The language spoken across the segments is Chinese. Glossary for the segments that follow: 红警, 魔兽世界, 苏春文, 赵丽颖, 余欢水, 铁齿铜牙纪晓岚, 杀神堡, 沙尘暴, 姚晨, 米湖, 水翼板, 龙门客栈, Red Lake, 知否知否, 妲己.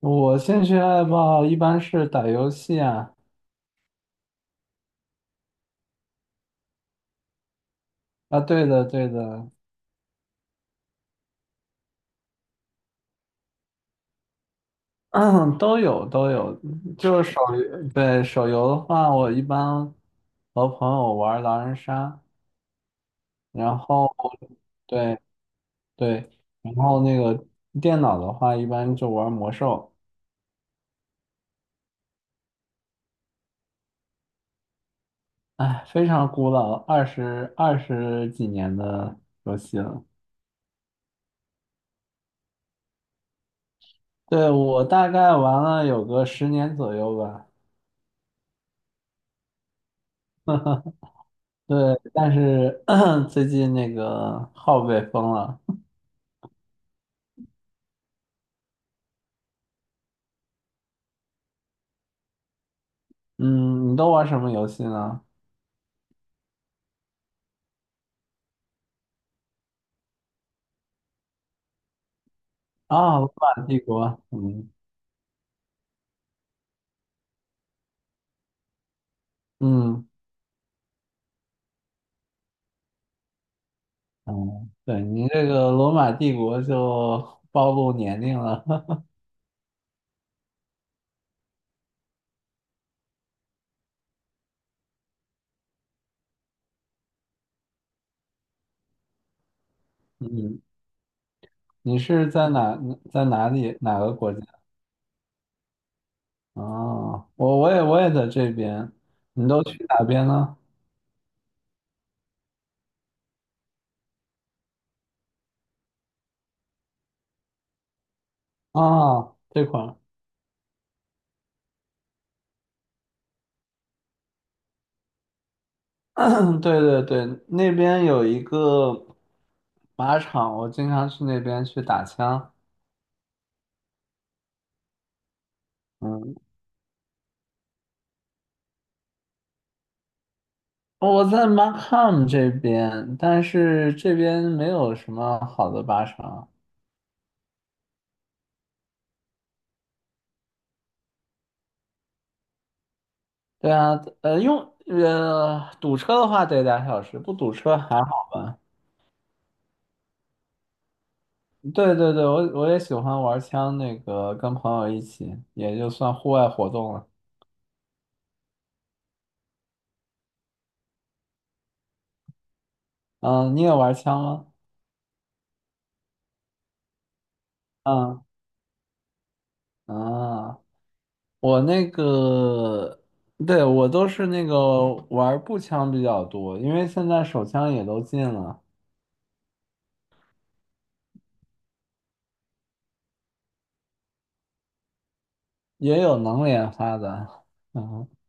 我兴趣爱好一般是打游戏啊。啊，对的，对的，都有都有。就是手游，对。手游的话，我一般和朋友玩狼人杀，然后对对。然后那个电脑的话，一般就玩魔兽。哎，非常古老，二十几年的游戏了。对，我大概玩了有个10年左右吧。对，但是 最近那个号被封了。嗯，你都玩什么游戏呢？啊，罗马帝国。嗯嗯嗯。对，你这个罗马帝国就暴露年龄了。嗯，你是在哪里哪个国家？哦，我也在这边。你都去哪边呢？啊，这块儿。对对对，那边有一个靶场，我经常去那边去打枪。嗯。哦我在 MARAM 这边，但是这边没有什么好的巴士啊。对啊。呃，用堵车的话得俩小时，不堵车还好吧？对对对，我也喜欢玩枪，那个跟朋友一起，也就算户外活动了。嗯，你也玩枪吗？嗯，啊，我那个，对，我都是那个玩步枪比较多，因为现在手枪也都禁了。也有能连发的。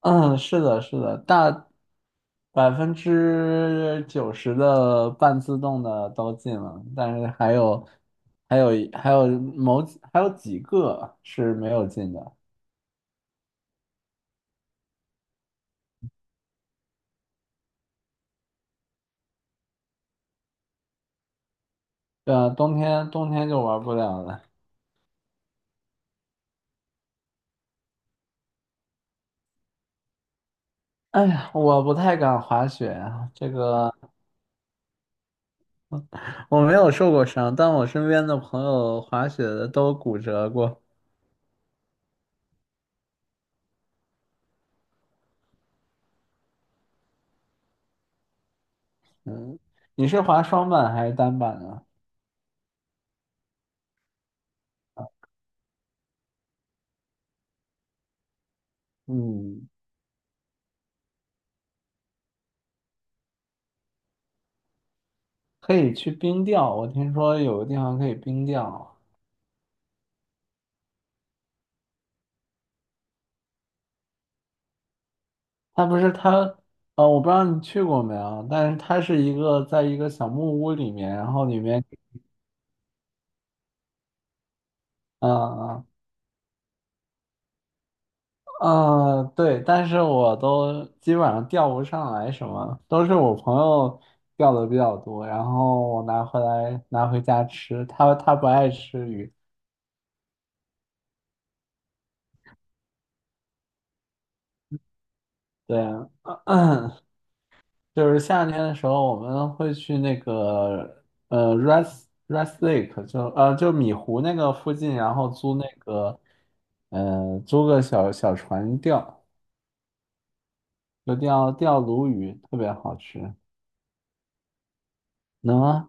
嗯，是的，是的，大90%的半自动的都进了，但是还有还有几个是没有进的。对啊，冬天就玩不了了。哎呀，我不太敢滑雪啊，这个我没有受过伤，但我身边的朋友滑雪的都骨折过。嗯，你是滑双板还是单板啊？嗯，可以去冰钓，我听说有个地方可以冰钓啊。他不是他，呃，我不知道你去过没有，但是它是一个在一个小木屋里面，然后里面。嗯嗯嗯。对，但是我都基本上钓不上来什么，都是我朋友钓的比较多，然后我拿回家吃，他不爱吃鱼。对啊。就是夏天的时候，我们会去Red Lake，就米湖那个附近，然后租个小小船钓，就钓钓鲈鱼，特别好吃。能啊。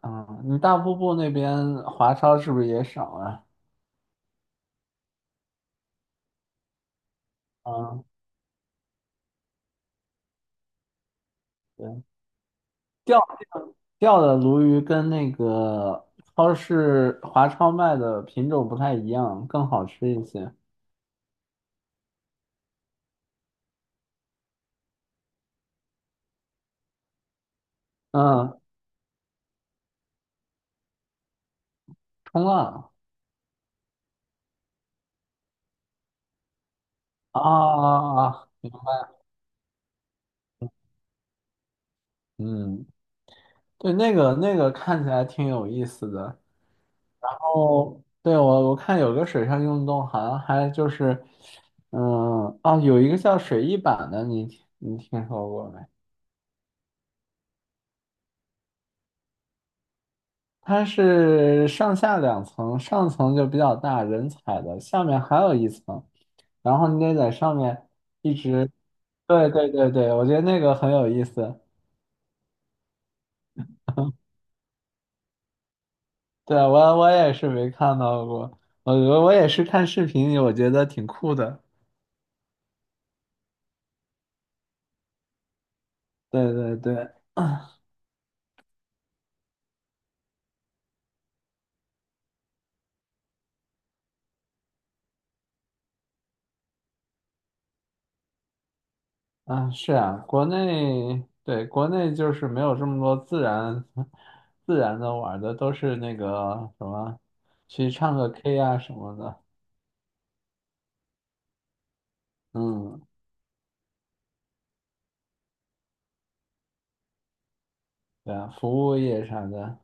嗯，你大瀑布那边华超是不是也少啊？嗯，对，钓钓的鲈鱼跟那个超市华超卖的品种不太一样，更好吃一些。嗯，冲浪。啊，嗯，对，那个看起来挺有意思的。哦，对，我看有个水上运动，好像还就是。嗯。哦，有一个叫水翼板的，你听说过没？它是上下两层，上层就比较大，人踩的，下面还有一层，然后你得在上面一直。对对对对，我觉得那个很有意思。对，我也是没看到过，我也是看视频，我觉得挺酷的。对对对。啊，是啊，国内，对，国内就是没有这么多自然 自然的玩儿的，都是那个什么，去唱个 K 啊什么的。嗯，对啊，服务业啥的。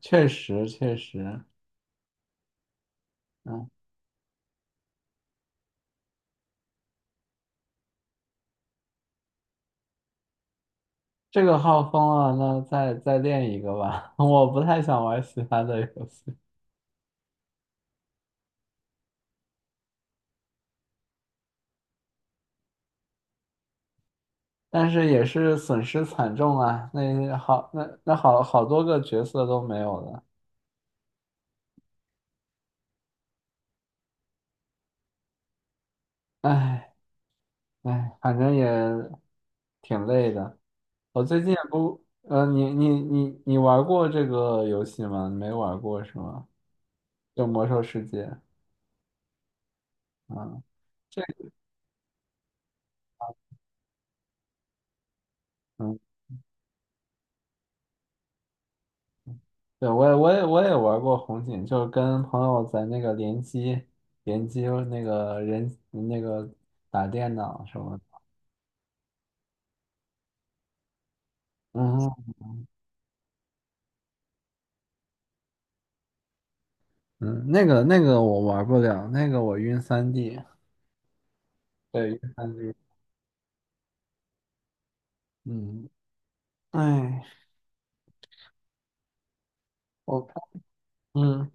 确实确实。嗯，这个号封了，那再练一个吧。我不太想玩其他的游戏，但是也是损失惨重啊。那好，那好多个角色都没有了。唉。哎，反正也挺累的。我最近也不，你玩过这个游戏吗？你没玩过是吗？就《魔兽世界》。啊，这个。嗯，对，我也玩过红警，就是跟朋友在那个联机那个人那个打电脑什么的。嗯嗯。那个我玩不了，那个我晕三 d。 对，晕3D。 嗯，哎，我看。嗯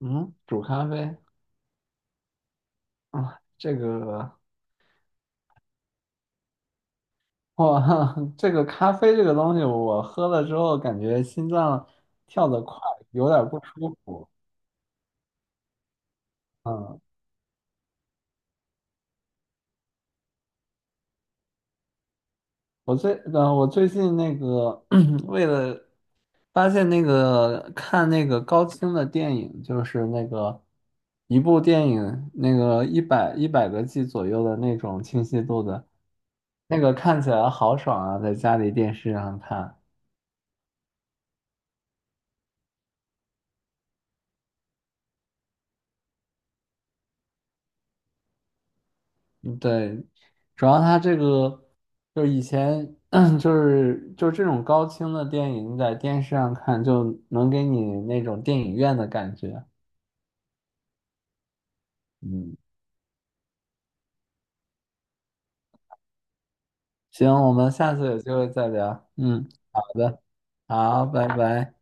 嗯，煮咖啡。啊，这个哇。这个咖啡这个东西，我喝了之后感觉心脏跳得快，有点不舒服。嗯，我最近那个 为了发现那个看那个高清的电影，就是那个一部电影那个一百个 G 左右的那种清晰度的，那个看起来好爽啊，在家里电视上看。嗯，对，主要它这个就是以前 就是这种高清的电影，你在电视上看就能给你那种电影院的感觉。嗯，行，我们下次有机会再聊。嗯，好的，好，拜拜。